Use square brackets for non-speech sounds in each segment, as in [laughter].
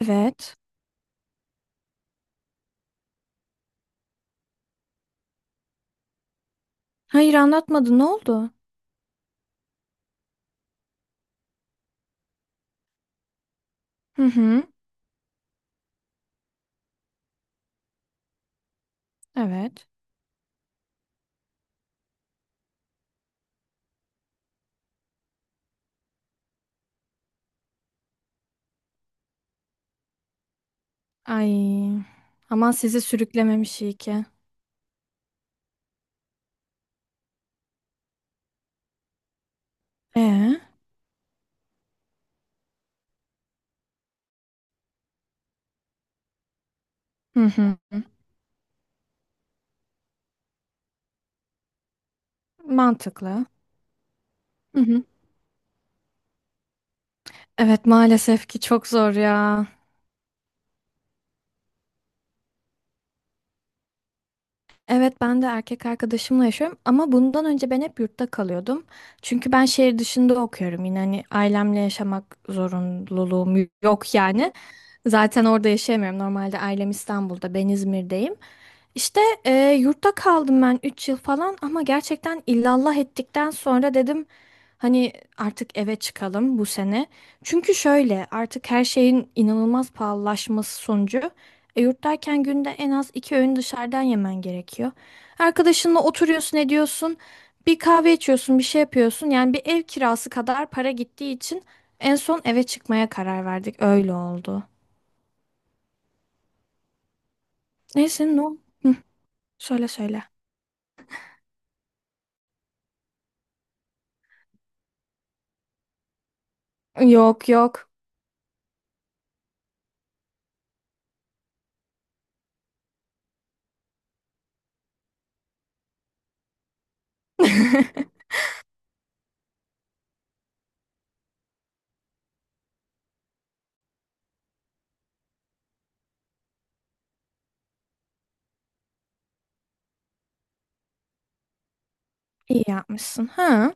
Evet. Hayır, anlatmadı. Ne oldu? Hı hı. Evet. Ay. Aman sizi sürüklememiş iyi ki. Ee? Hı hı. Mantıklı. Hı hı. Evet, maalesef ki çok zor ya. Evet, ben de erkek arkadaşımla yaşıyorum ama bundan önce ben hep yurtta kalıyordum. Çünkü ben şehir dışında okuyorum, yine hani ailemle yaşamak zorunluluğum yok yani. Zaten orada yaşayamıyorum. Normalde ailem İstanbul'da, ben İzmir'deyim. İşte yurtta kaldım ben 3 yıl falan ama gerçekten illallah ettikten sonra dedim hani artık eve çıkalım bu sene. Çünkü şöyle, artık her şeyin inanılmaz pahalılaşması sonucu. E, yurt derken günde en az 2 öğün dışarıdan yemen gerekiyor. Arkadaşınla oturuyorsun, ediyorsun, bir kahve içiyorsun, bir şey yapıyorsun. Yani bir ev kirası kadar para gittiği için en son eve çıkmaya karar verdik. Öyle oldu. Neyse, no. Hı, söyle söyle. Yok yok. [laughs] İyi yapmışsın. Ha,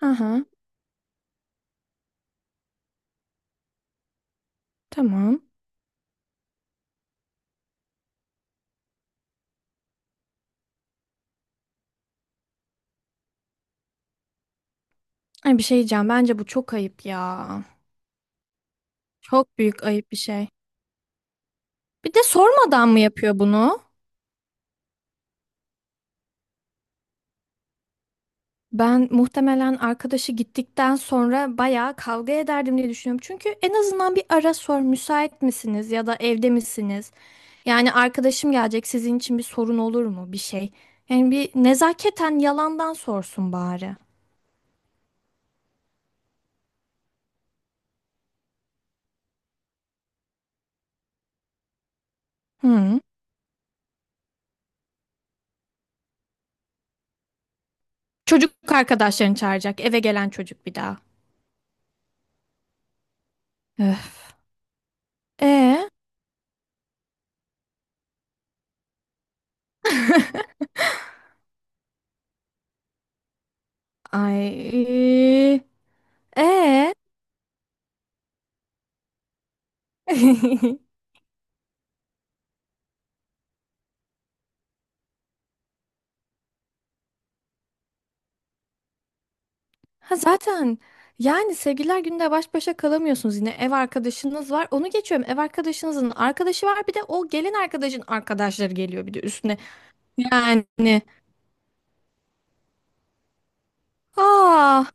ha, ha. Tamam. Ay, bir şey diyeceğim. Bence bu çok ayıp ya. Çok büyük ayıp bir şey. Bir de sormadan mı yapıyor bunu? Ben muhtemelen arkadaşı gittikten sonra bayağı kavga ederdim diye düşünüyorum. Çünkü en azından bir ara sor, müsait misiniz ya da evde misiniz? Yani arkadaşım gelecek, sizin için bir sorun olur mu bir şey? Yani bir nezaketen yalandan sorsun bari. Hı. Çocuk arkadaşlarını çağıracak, eve gelen çocuk bir daha. Öf. E. [laughs] Ay. E. [laughs] Ha zaten, yani sevgililer gününde baş başa kalamıyorsunuz, yine ev arkadaşınız var, onu geçiyorum, ev arkadaşınızın arkadaşı var, bir de o gelin arkadaşın arkadaşları geliyor bir de üstüne, yani ah,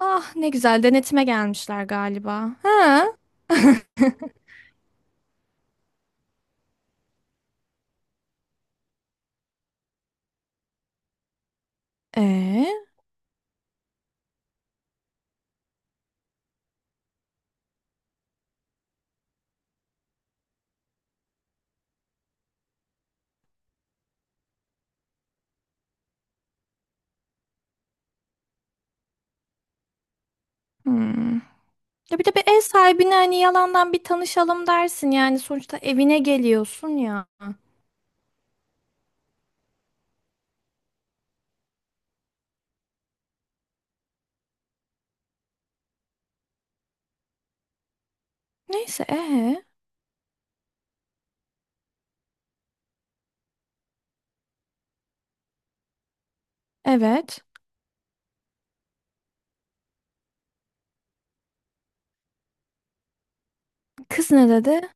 ah, ne güzel, denetime gelmişler galiba ha, e hmm. Ya bir de bir ev sahibine hani yalandan bir tanışalım dersin, yani sonuçta evine geliyorsun ya, neyse. Evet. Kız ne dedi?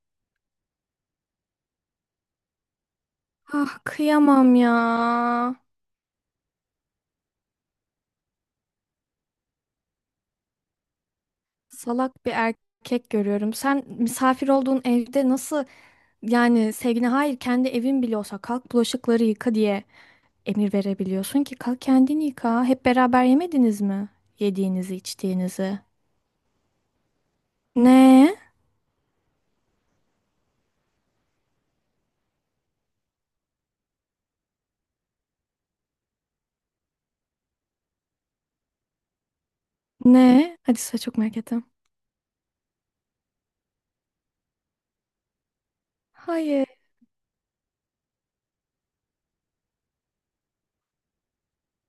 Ah, kıyamam ya. Salak bir erkek görüyorum. Sen misafir olduğun evde nasıl, yani sevgine hayır, kendi evin bile olsa kalk bulaşıkları yıka diye emir verebiliyorsun ki kalk kendini yıka. Hep beraber yemediniz mi? Yediğinizi, içtiğinizi. Ne? Ne? Hadi, size çok merak ettim. Hayır.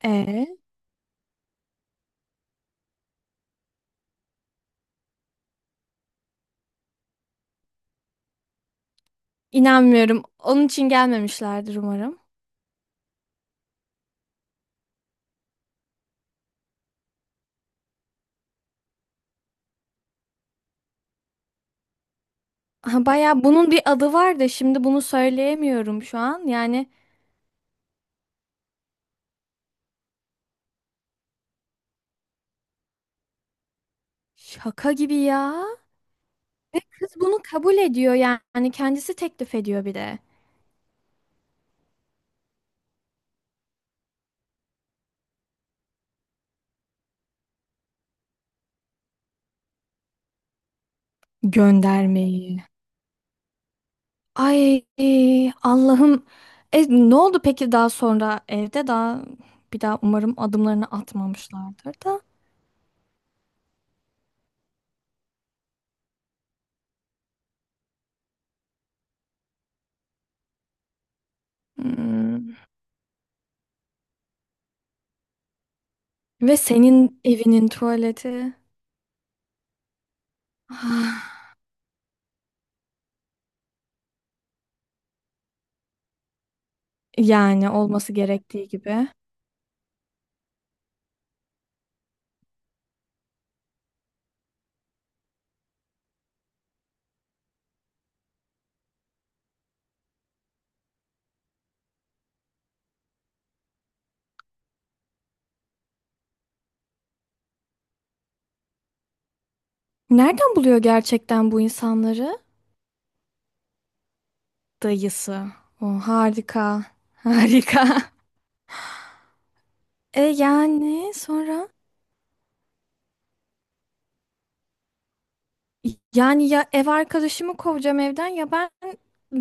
E, inanmıyorum. Onun için gelmemişlerdir umarım. Ha, baya bunun bir adı var da şimdi bunu söyleyemiyorum şu an. Yani şaka gibi ya. Ve kız bunu kabul ediyor yani, kendisi teklif ediyor bir de. Göndermeyi. Ay Allah'ım. E, ne oldu peki daha sonra evde daha, bir daha umarım adımlarını atmamışlardır da. Hmm. Ve senin evinin tuvaleti. Ah. Yani olması gerektiği gibi. Nereden buluyor gerçekten bu insanları? Dayısı. O harika. Harika. [laughs] E yani sonra? Yani ya ev arkadaşımı kovacağım evden ya ben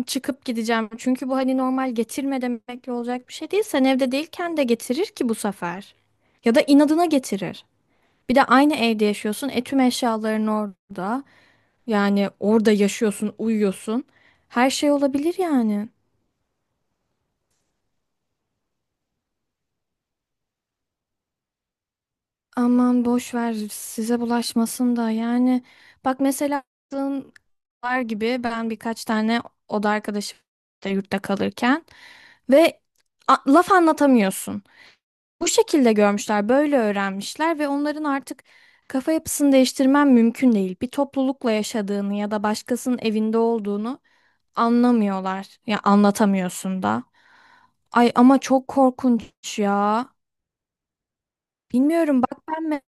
çıkıp gideceğim. Çünkü bu hani normal getirme demekle olacak bir şey değil. Sen evde değilken de getirir ki bu sefer. Ya da inadına getirir. Bir de aynı evde yaşıyorsun. E, tüm eşyaların orada. Yani orada yaşıyorsun, uyuyorsun. Her şey olabilir yani. Aman boş ver, size bulaşmasın da, yani bak mesela aklın var gibi, ben birkaç tane oda arkadaşım da yurtta kalırken ve laf anlatamıyorsun. Bu şekilde görmüşler, böyle öğrenmişler ve onların artık kafa yapısını değiştirmen mümkün değil. Bir toplulukla yaşadığını ya da başkasının evinde olduğunu anlamıyorlar. Ya anlatamıyorsun da. Ay ama çok korkunç ya. Bilmiyorum, bak ben,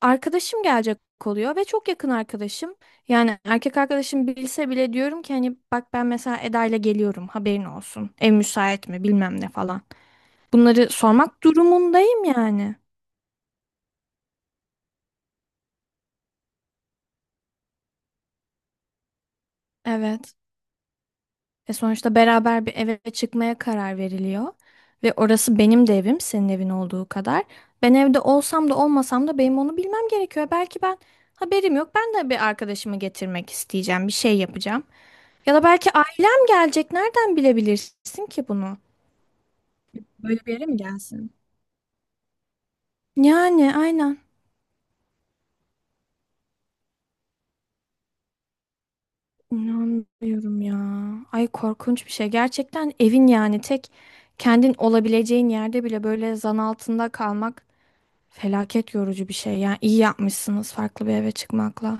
arkadaşım gelecek oluyor ve çok yakın arkadaşım. Yani erkek arkadaşım bilse bile diyorum ki hani bak ben mesela Eda ile geliyorum, haberin olsun. Ev müsait mi, bilmem ne falan. Bunları sormak durumundayım yani. Evet. E sonuçta beraber bir eve çıkmaya karar veriliyor. Ve orası benim de evim, senin evin olduğu kadar. Ben evde olsam da olmasam da benim onu bilmem gerekiyor. Belki ben, haberim yok, ben de bir arkadaşımı getirmek isteyeceğim, bir şey yapacağım. Ya da belki ailem gelecek. Nereden bilebilirsin ki bunu? Böyle bir yere mi gelsin? Yani aynen. İnanmıyorum ya. Ay, korkunç bir şey. Gerçekten evin, yani tek kendin olabileceğin yerde bile böyle zan altında kalmak felaket yorucu bir şey. Yani iyi yapmışsınız farklı bir eve çıkmakla.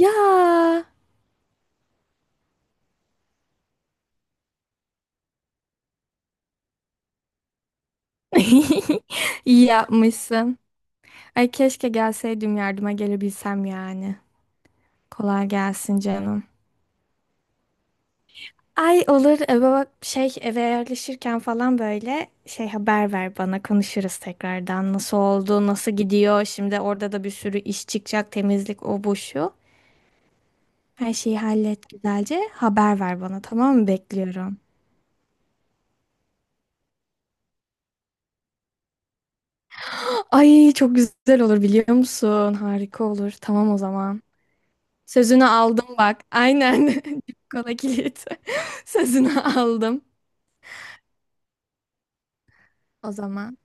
Ya. [laughs] İyi yapmışsın. Ay keşke gelseydim, yardıma gelebilsem yani. Kolay gelsin canım. Ay, olur. Baba, eve yerleşirken falan böyle haber ver bana, konuşuruz tekrardan, nasıl oldu, nasıl gidiyor, şimdi orada da bir sürü iş çıkacak, temizlik, o bu şu, her şeyi hallet güzelce, haber ver bana, tamam mı? Bekliyorum. [gasps] Ay çok güzel olur, biliyor musun, harika olur. Tamam, o zaman sözünü aldım, bak aynen. [laughs] Kola kilit. [laughs] Sözünü aldım o zaman.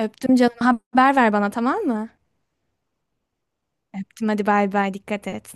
Öptüm canım, haber ver bana tamam mı? Öptüm hadi, bay bay, dikkat et.